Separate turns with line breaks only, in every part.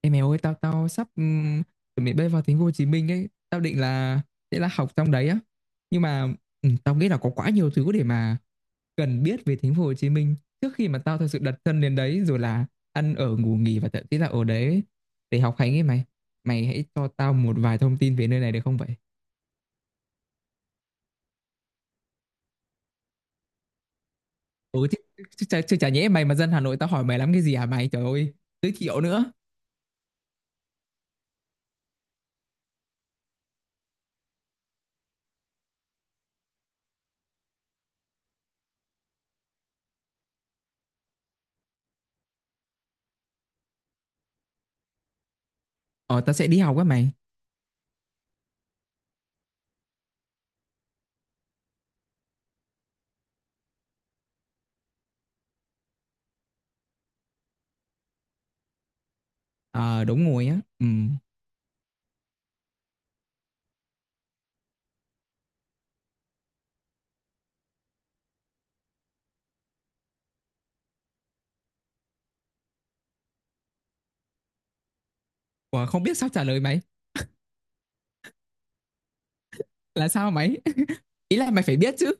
Ê mày ơi, tao tao sắp chuẩn bị bay vào thành phố Hồ Chí Minh ấy, tao định là sẽ là học trong đấy á. Nhưng mà tao nghĩ là có quá nhiều thứ để mà cần biết về thành phố Hồ Chí Minh trước khi mà tao thật sự đặt chân đến đấy rồi là ăn ở ngủ nghỉ và thậm chí là ở đấy để học hành ấy mày. Mày hãy cho tao một vài thông tin về nơi này được không vậy? Ừ chứ, chứ chả nhẽ mày mà dân Hà Nội tao hỏi mày lắm cái gì hả mày? Trời ơi, giới thiệu nữa. Ờ, tao sẽ đi học á mày. Ờ, đúng rồi á. Ừ. Ủa, không biết sao trả lời mày. Là sao mày? Ý là mày phải biết chứ.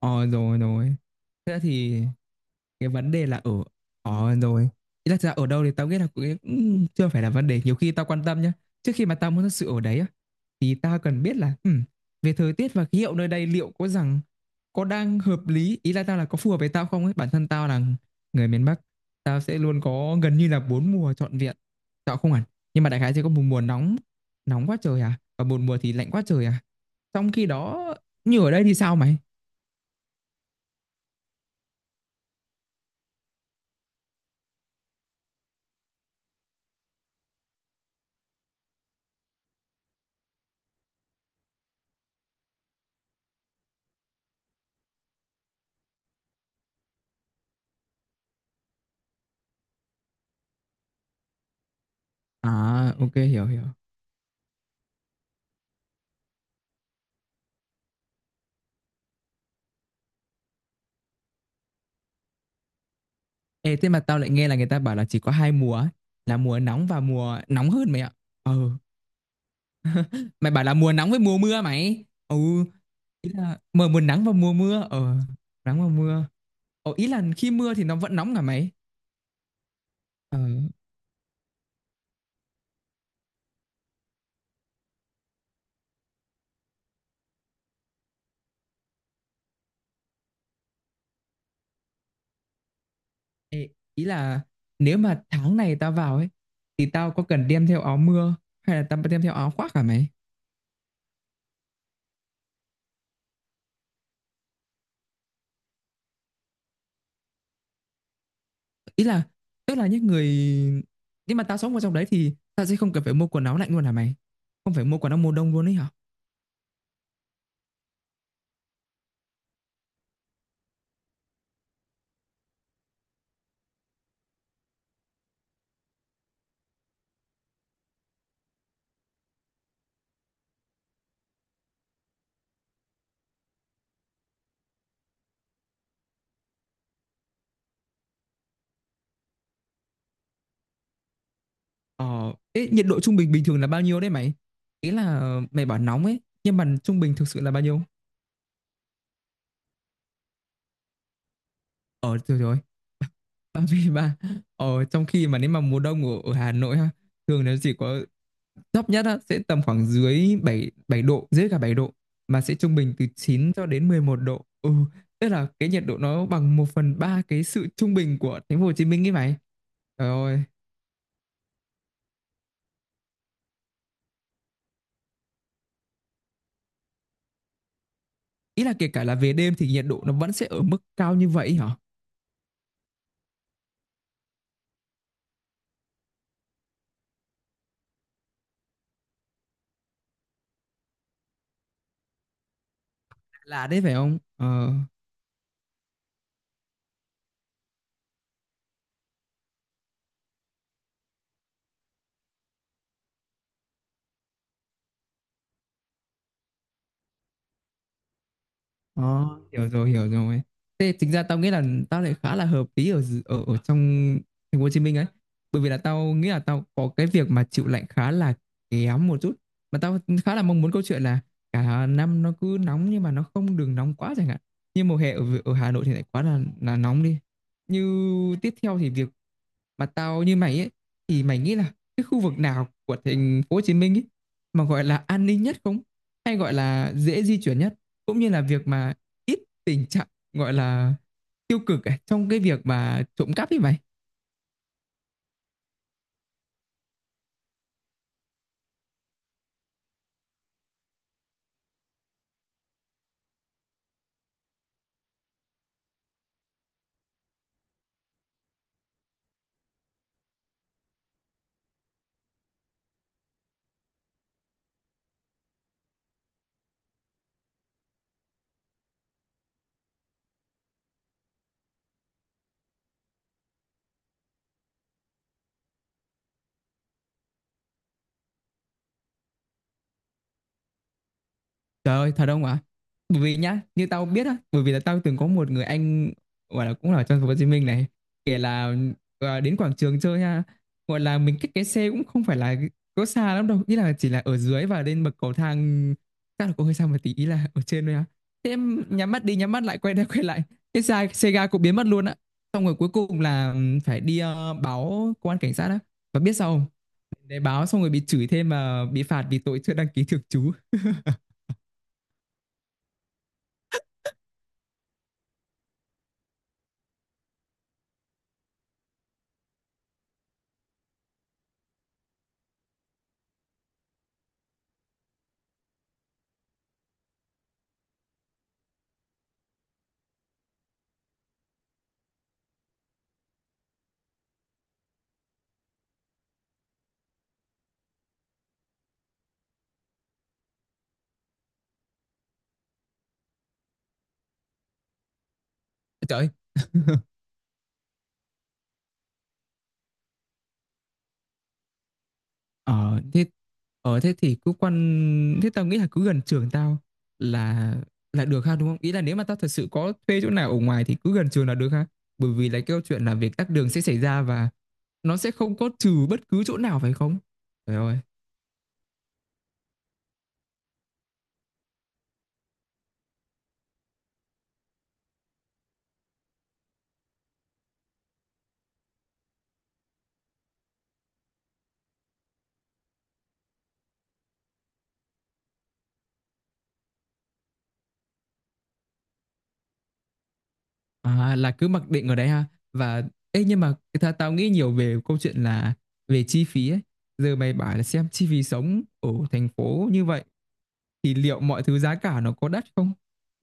Ờ, rồi rồi, thế thì cái vấn đề là ở. Ờ rồi, ý là thật ra ở đâu thì tao nghĩ là cũng cũng chưa phải là vấn đề nhiều khi tao quan tâm nhá. Trước khi mà tao muốn thật sự ở đấy á thì tao cần biết là về thời tiết và khí hậu nơi đây liệu có rằng có đang hợp lý, ý là tao là có phù hợp với tao không ấy. Bản thân tao là người miền Bắc, tao sẽ luôn có gần như là bốn mùa trọn vẹn. Tao không hẳn, nhưng mà đại khái sẽ có một mùa nóng, nóng quá trời à, và một mùa thì lạnh quá trời à. Trong khi đó, như ở đây thì sao mày? À, ok, hiểu hiểu. Ê, thế mà tao lại nghe là người ta bảo là chỉ có hai mùa ấy, là mùa nóng và mùa nóng hơn mày ạ. Ừ, mày bảo là mùa nóng với mùa mưa mày. Ừ, ý là mùa mùa nắng và mùa mưa. Ờ, nắng và mưa. Ờ, ý là khi mưa thì nó vẫn nóng cả mày. Ờ, ê, ý là nếu mà tháng này tao vào ấy thì tao có cần đem theo áo mưa hay là tao đem theo áo khoác cả mày? Ý là tức là những người nhưng mà tao sống ở trong đấy thì tao sẽ không cần phải mua quần áo lạnh luôn hả mày? Không phải mua quần áo mùa đông luôn ấy hả? Ờ, ê, nhiệt độ trung bình bình thường là bao nhiêu đấy mày? Ý là mày bảo nóng ấy, nhưng mà trung bình thực sự là bao nhiêu? Ờ, rồi rồi, 33. Ờ, trong khi mà nếu mà mùa đông ở, ở Hà Nội ha, thường nó chỉ có thấp nhất á, sẽ tầm khoảng dưới 7 7 độ, dưới cả 7 độ, mà sẽ trung bình từ 9 cho đến 11 độ. Ừ, tức là cái nhiệt độ nó bằng một phần 3 cái sự trung bình của thành phố Hồ Chí Minh ấy mày. Trời ơi, ý là kể cả là về đêm thì nhiệt độ nó vẫn sẽ ở mức cao như vậy hả? Là đấy phải không? Ờ. Ờ, hiểu rồi, hiểu rồi. Thế tính ra tao nghĩ là tao lại khá là hợp lý ở ở ở trong thành phố Hồ Chí Minh ấy. Bởi vì là tao nghĩ là tao có cái việc mà chịu lạnh khá là kém một chút. Mà tao khá là mong muốn câu chuyện là cả năm nó cứ nóng nhưng mà nó không được nóng quá chẳng hạn. Như mùa hè ở ở Hà Nội thì lại quá là nóng đi. Như tiếp theo thì việc mà tao như mày ấy, thì mày nghĩ là cái khu vực nào của thành phố Hồ Chí Minh ấy mà gọi là an ninh nhất không? Hay gọi là dễ di chuyển nhất? Cũng như là việc mà ít tình trạng gọi là tiêu cực ấy, trong cái việc mà trộm cắp như vậy. Trời ơi, thật không ạ? Bởi vì nhá, như tao biết á, bởi vì là tao từng có một người anh gọi là cũng là ở trong thành phố Hồ Chí Minh này, kể là à, đến quảng trường chơi ha, gọi là mình cách cái xe cũng không phải là có xa lắm đâu, ý là chỉ là ở dưới và lên bậc cầu thang chắc là cũng hơi xa một tí, ý là ở trên thôi á. Thế em nhắm mắt đi, nhắm mắt lại quay ra quay lại, cái xe xe ga cũng biến mất luôn á. Xong rồi cuối cùng là phải đi báo công an cảnh sát á. Và biết sao không? Để báo xong rồi bị chửi thêm mà bị phạt vì tội chưa đăng ký thường trú. Trời ơi. Ờ, thế thế thì cứ quan thế tao nghĩ là cứ gần trường tao là là được ha đúng không? Ý là nếu mà tao thật sự có thuê chỗ nào ở ngoài thì cứ gần trường là được ha. Bởi vì là cái câu chuyện là việc tắc đường sẽ xảy ra và nó sẽ không có trừ bất cứ chỗ nào phải không? Trời ơi. À, là cứ mặc định ở đấy ha. Và ê nhưng mà tao nghĩ nhiều về câu chuyện là về chi phí ấy. Giờ mày bảo là xem chi phí sống ở thành phố như vậy thì liệu mọi thứ giá cả nó có đắt không?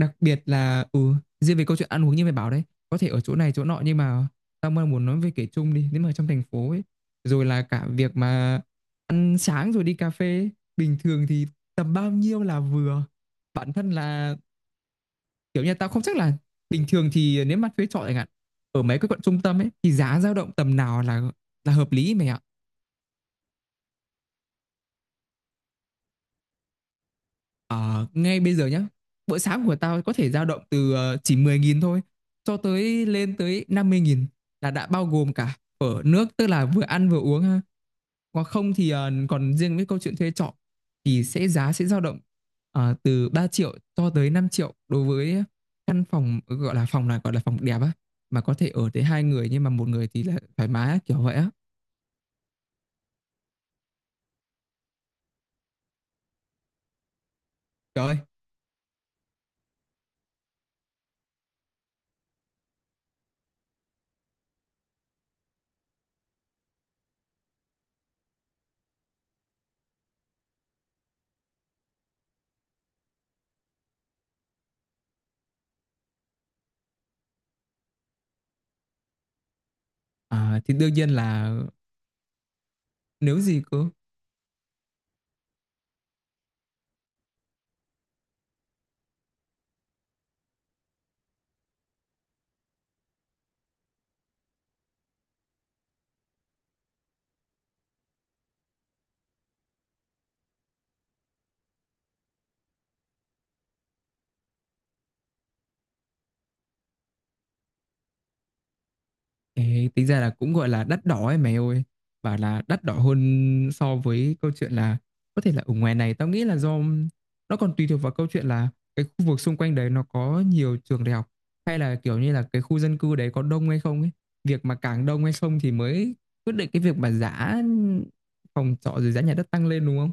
Đặc biệt là riêng về câu chuyện ăn uống như mày bảo đấy, có thể ở chỗ này chỗ nọ nhưng mà tao mới muốn nói về kể chung đi, nếu mà trong thành phố ấy, rồi là cả việc mà ăn sáng rồi đi cà phê ấy, bình thường thì tầm bao nhiêu là vừa? Bản thân là kiểu như tao không chắc là bình thường thì nếu mà thuê trọ chẳng hạn, ở mấy cái quận trung tâm ấy thì giá dao động tầm nào là hợp lý mày ạ? Ờ, ngay bây giờ nhá, bữa sáng của tao có thể dao động từ chỉ 10.000 thôi cho tới lên tới 50.000, là đã bao gồm cả ở nước tức là vừa ăn vừa uống ha. Còn không thì còn riêng với câu chuyện thuê trọ thì sẽ giá sẽ dao động từ 3 triệu cho tới 5 triệu đối với căn phòng gọi là phòng là gọi là phòng đẹp á mà có thể ở tới hai người nhưng mà một người thì là thoải mái á, kiểu vậy á. Trời ơi. Ờ, thì đương nhiên là nếu gì cơ. Ê, tính ra là cũng gọi là đắt đỏ ấy mày ơi, bảo là đắt đỏ hơn so với câu chuyện là có thể là ở ngoài này tao nghĩ là do nó còn tùy thuộc vào câu chuyện là cái khu vực xung quanh đấy nó có nhiều trường đại học hay là kiểu như là cái khu dân cư đấy có đông hay không ấy, việc mà càng đông hay không thì mới quyết định cái việc mà giá phòng trọ rồi giá nhà đất tăng lên đúng không.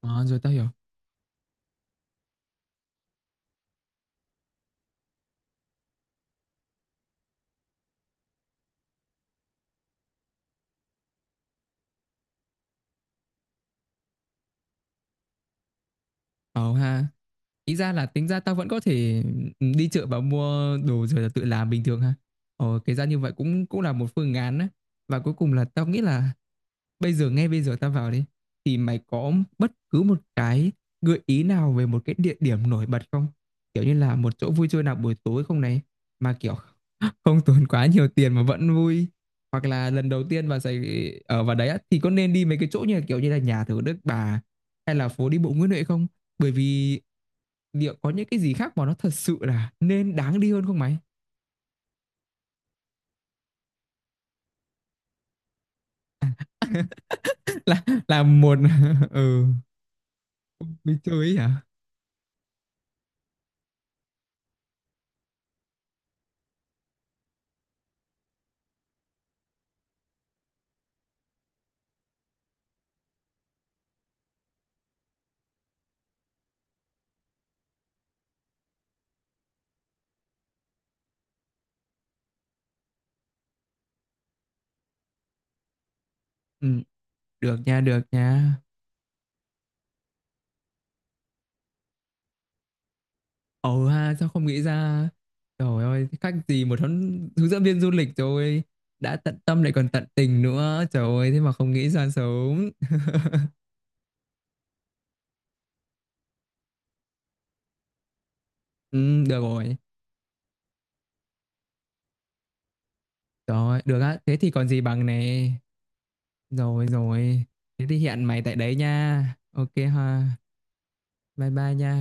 Ờ rồi, tao hiểu. Ờ ha. Ý ra là tính ra tao vẫn có thể, ừ, đi chợ và mua đồ rồi là tự làm bình thường ha. Ờ, cái ra như vậy cũng cũng là một phương án á. Và cuối cùng là tao nghĩ là bây giờ ngay bây giờ tao vào đi, thì mày có bất cứ một cái gợi ý nào về một cái địa điểm nổi bật không? Kiểu như là một chỗ vui chơi nào buổi tối không này, mà, kiểu, không tốn quá nhiều tiền mà vẫn vui. Hoặc là lần đầu tiên vào Sài ở vào đấy á, thì có nên đi mấy cái chỗ như là, kiểu như là, nhà thờ Đức Bà hay là phố đi bộ Nguyễn Huệ không? Bởi vì liệu có những cái gì khác mà nó thật sự là nên đáng đi hơn không mày? Là một ừ, đi chơi ấy hả? Ừm, được nha, được nha. Ồ ha, sao không nghĩ ra? Trời ơi, thế gì một huấn hướng dẫn viên du lịch rồi, đã tận tâm lại còn tận tình nữa. Trời ơi, thế mà không nghĩ ra sớm. Được rồi. Trời ơi, được á, thế thì còn gì bằng nè. Rồi rồi, thế thì hẹn mày tại đấy nha. Ok ha, bye bye nha.